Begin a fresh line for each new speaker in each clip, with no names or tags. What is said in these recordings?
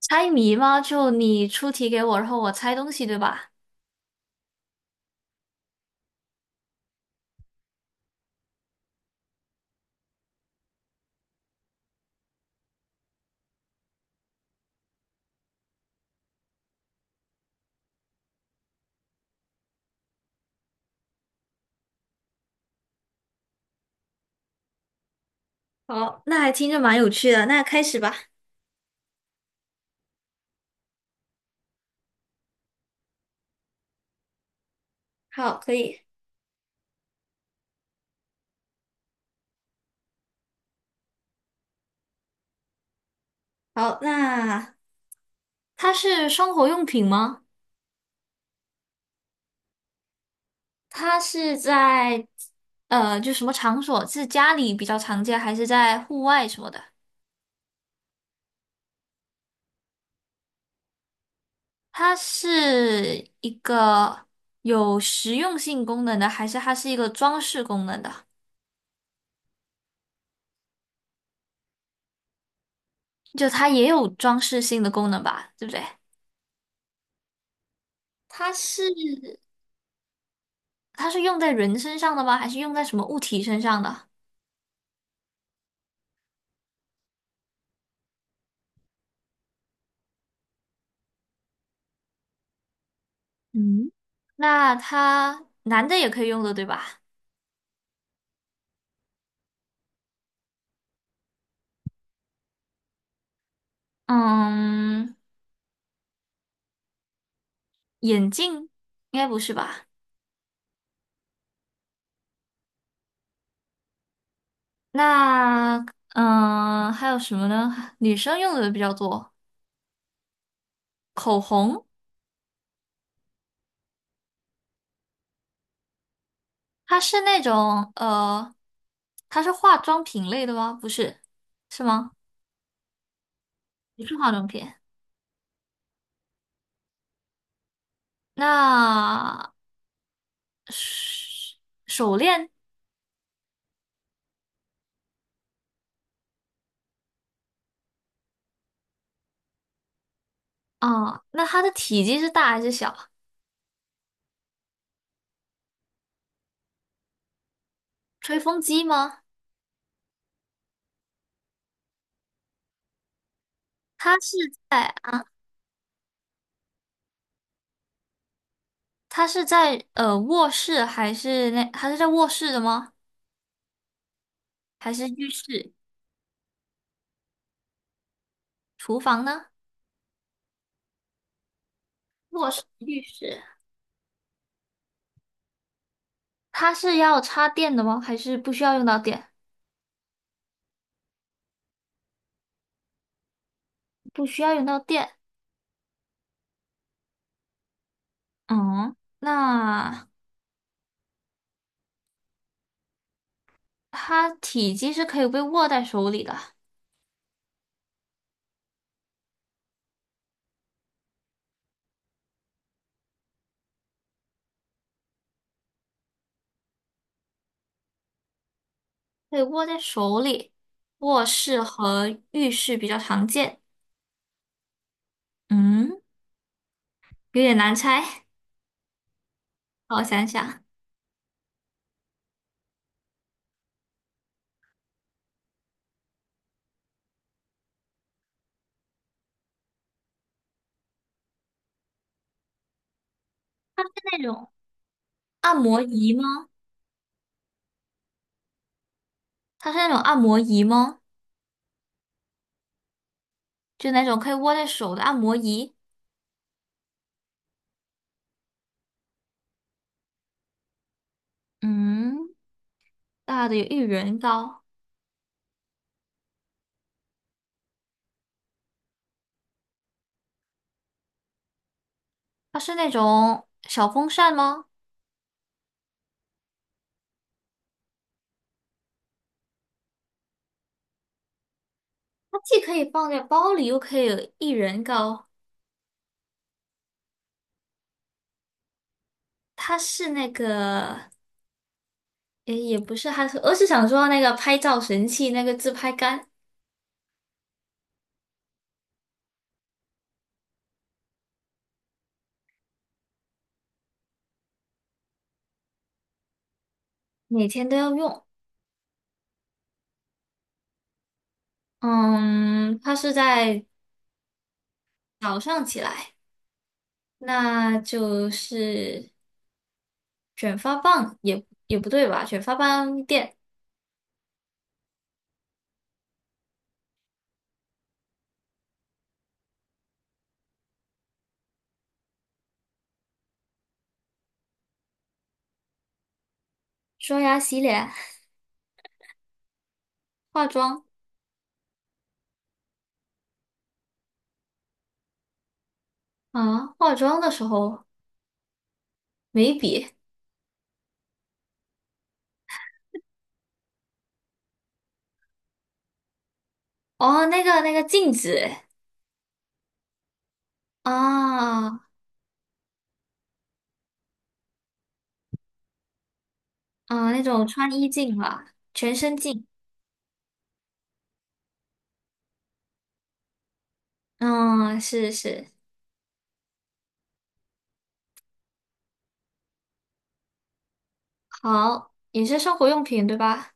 猜谜吗？就你出题给我，然后我猜东西，对吧？好，那还听着蛮有趣的，那开始吧。好，可以。好，那它是生活用品吗？它是在就什么场所？是家里比较常见，还是在户外什么的？它是一个有实用性功能的，还是它是一个装饰功能的？就它也有装饰性的功能吧，对不对？它是它是用在人身上的吗？还是用在什么物体身上的？嗯，那它男的也可以用的，对吧？嗯，眼镜应该不是吧？那嗯，还有什么呢？女生用的比较多，口红，它是那种它是化妆品类的吗？不是，是吗？不是化妆品。那手手链啊，那它的体积是大还是小？吹风机吗？它是在啊，他是在卧室还是那他是在卧室的吗？还是浴室、厨房呢？卧室、浴室，它是要插电的吗？还是不需要用到电？不需要用到电。嗯，那它体积是可以被握在手里的，可以握在手里。卧室和浴室比较常见。嗯，有点难猜，让我想想，它是那种按摩仪吗？它是那种按摩仪吗？就那种可以握在手的按摩仪，嗯，大的有一人高。它是那种小风扇吗？它既可以放在包里，又可以有一人高。它是那个，诶，也不是，还是我是想说那个拍照神器，那个自拍杆，每天都要用。嗯，它是在早上起来，那就是卷发棒也不对吧？卷发棒店、刷牙、洗脸、化妆啊，化妆的时候。眉笔，哦，那个镜子，啊、哦啊、那种穿衣镜吧，全身镜，嗯，是是，好，也是生活用品对吧？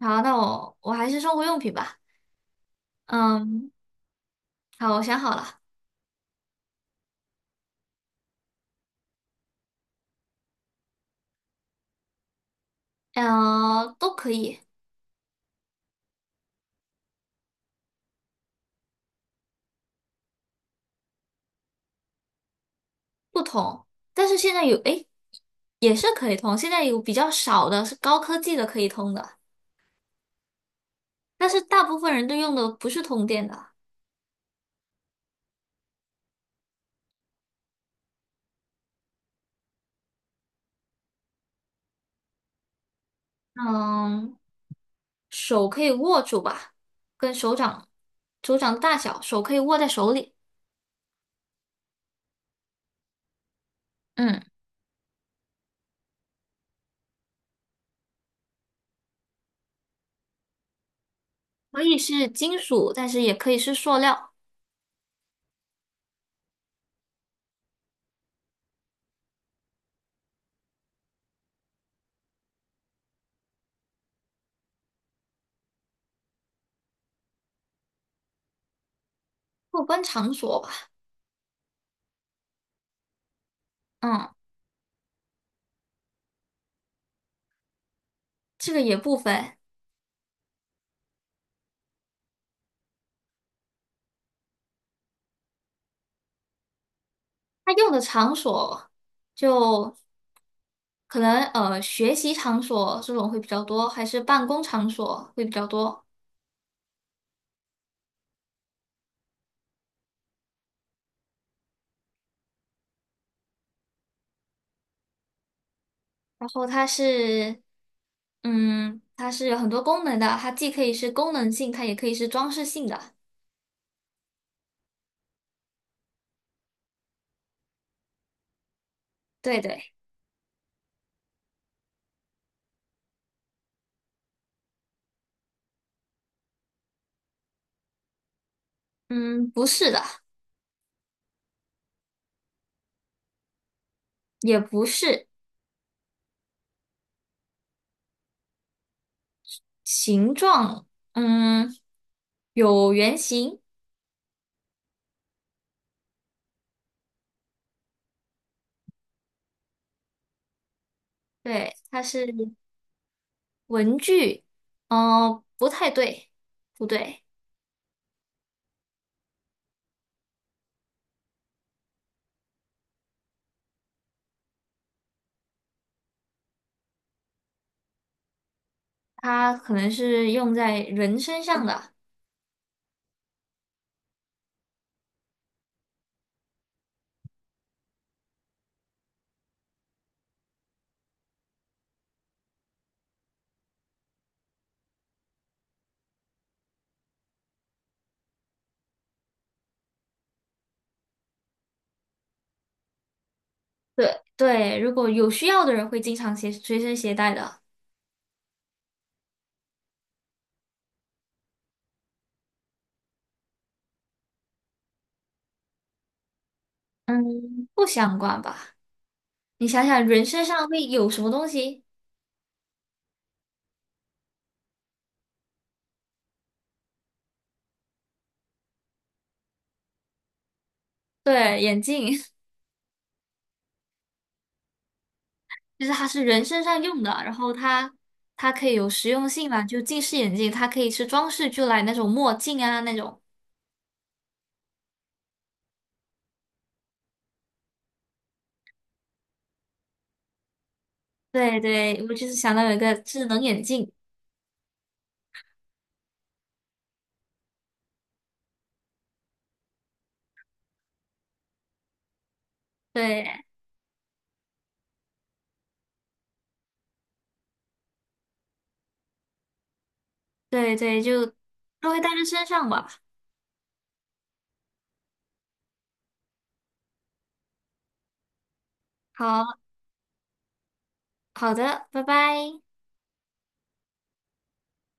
好，那我还是生活用品吧，嗯，好，我想好了，嗯、都可以，不同，但是现在有，诶，也是可以通，现在有比较少的是高科技的可以通的，但是大部分人都用的不是通电的，嗯。手可以握住吧，跟手掌大小，手可以握在手里。嗯，可以是金属，但是也可以是塑料。过关场所吧，嗯，这个也不分。它用的场所就可能学习场所这种会比较多，还是办公场所会比较多。然后它是，嗯，它是有很多功能的，它既可以是功能性，它也可以是装饰性的。对对，嗯，不是的。也不是形状，嗯，有圆形，对，它是文具，哦，不太对，不对，它可能是用在人身上的，对对，如果有需要的人会经常携随身携带的，嗯，不相关吧？你想想，人身上会有什么东西？对，眼镜。就是它是人身上用的，然后它可以有实用性嘛，就近视眼镜，它可以是装饰就来那种墨镜啊那种。对对，我就是想到有一个智能眼镜，对对对，就都会带在身上吧。好，好的，拜拜。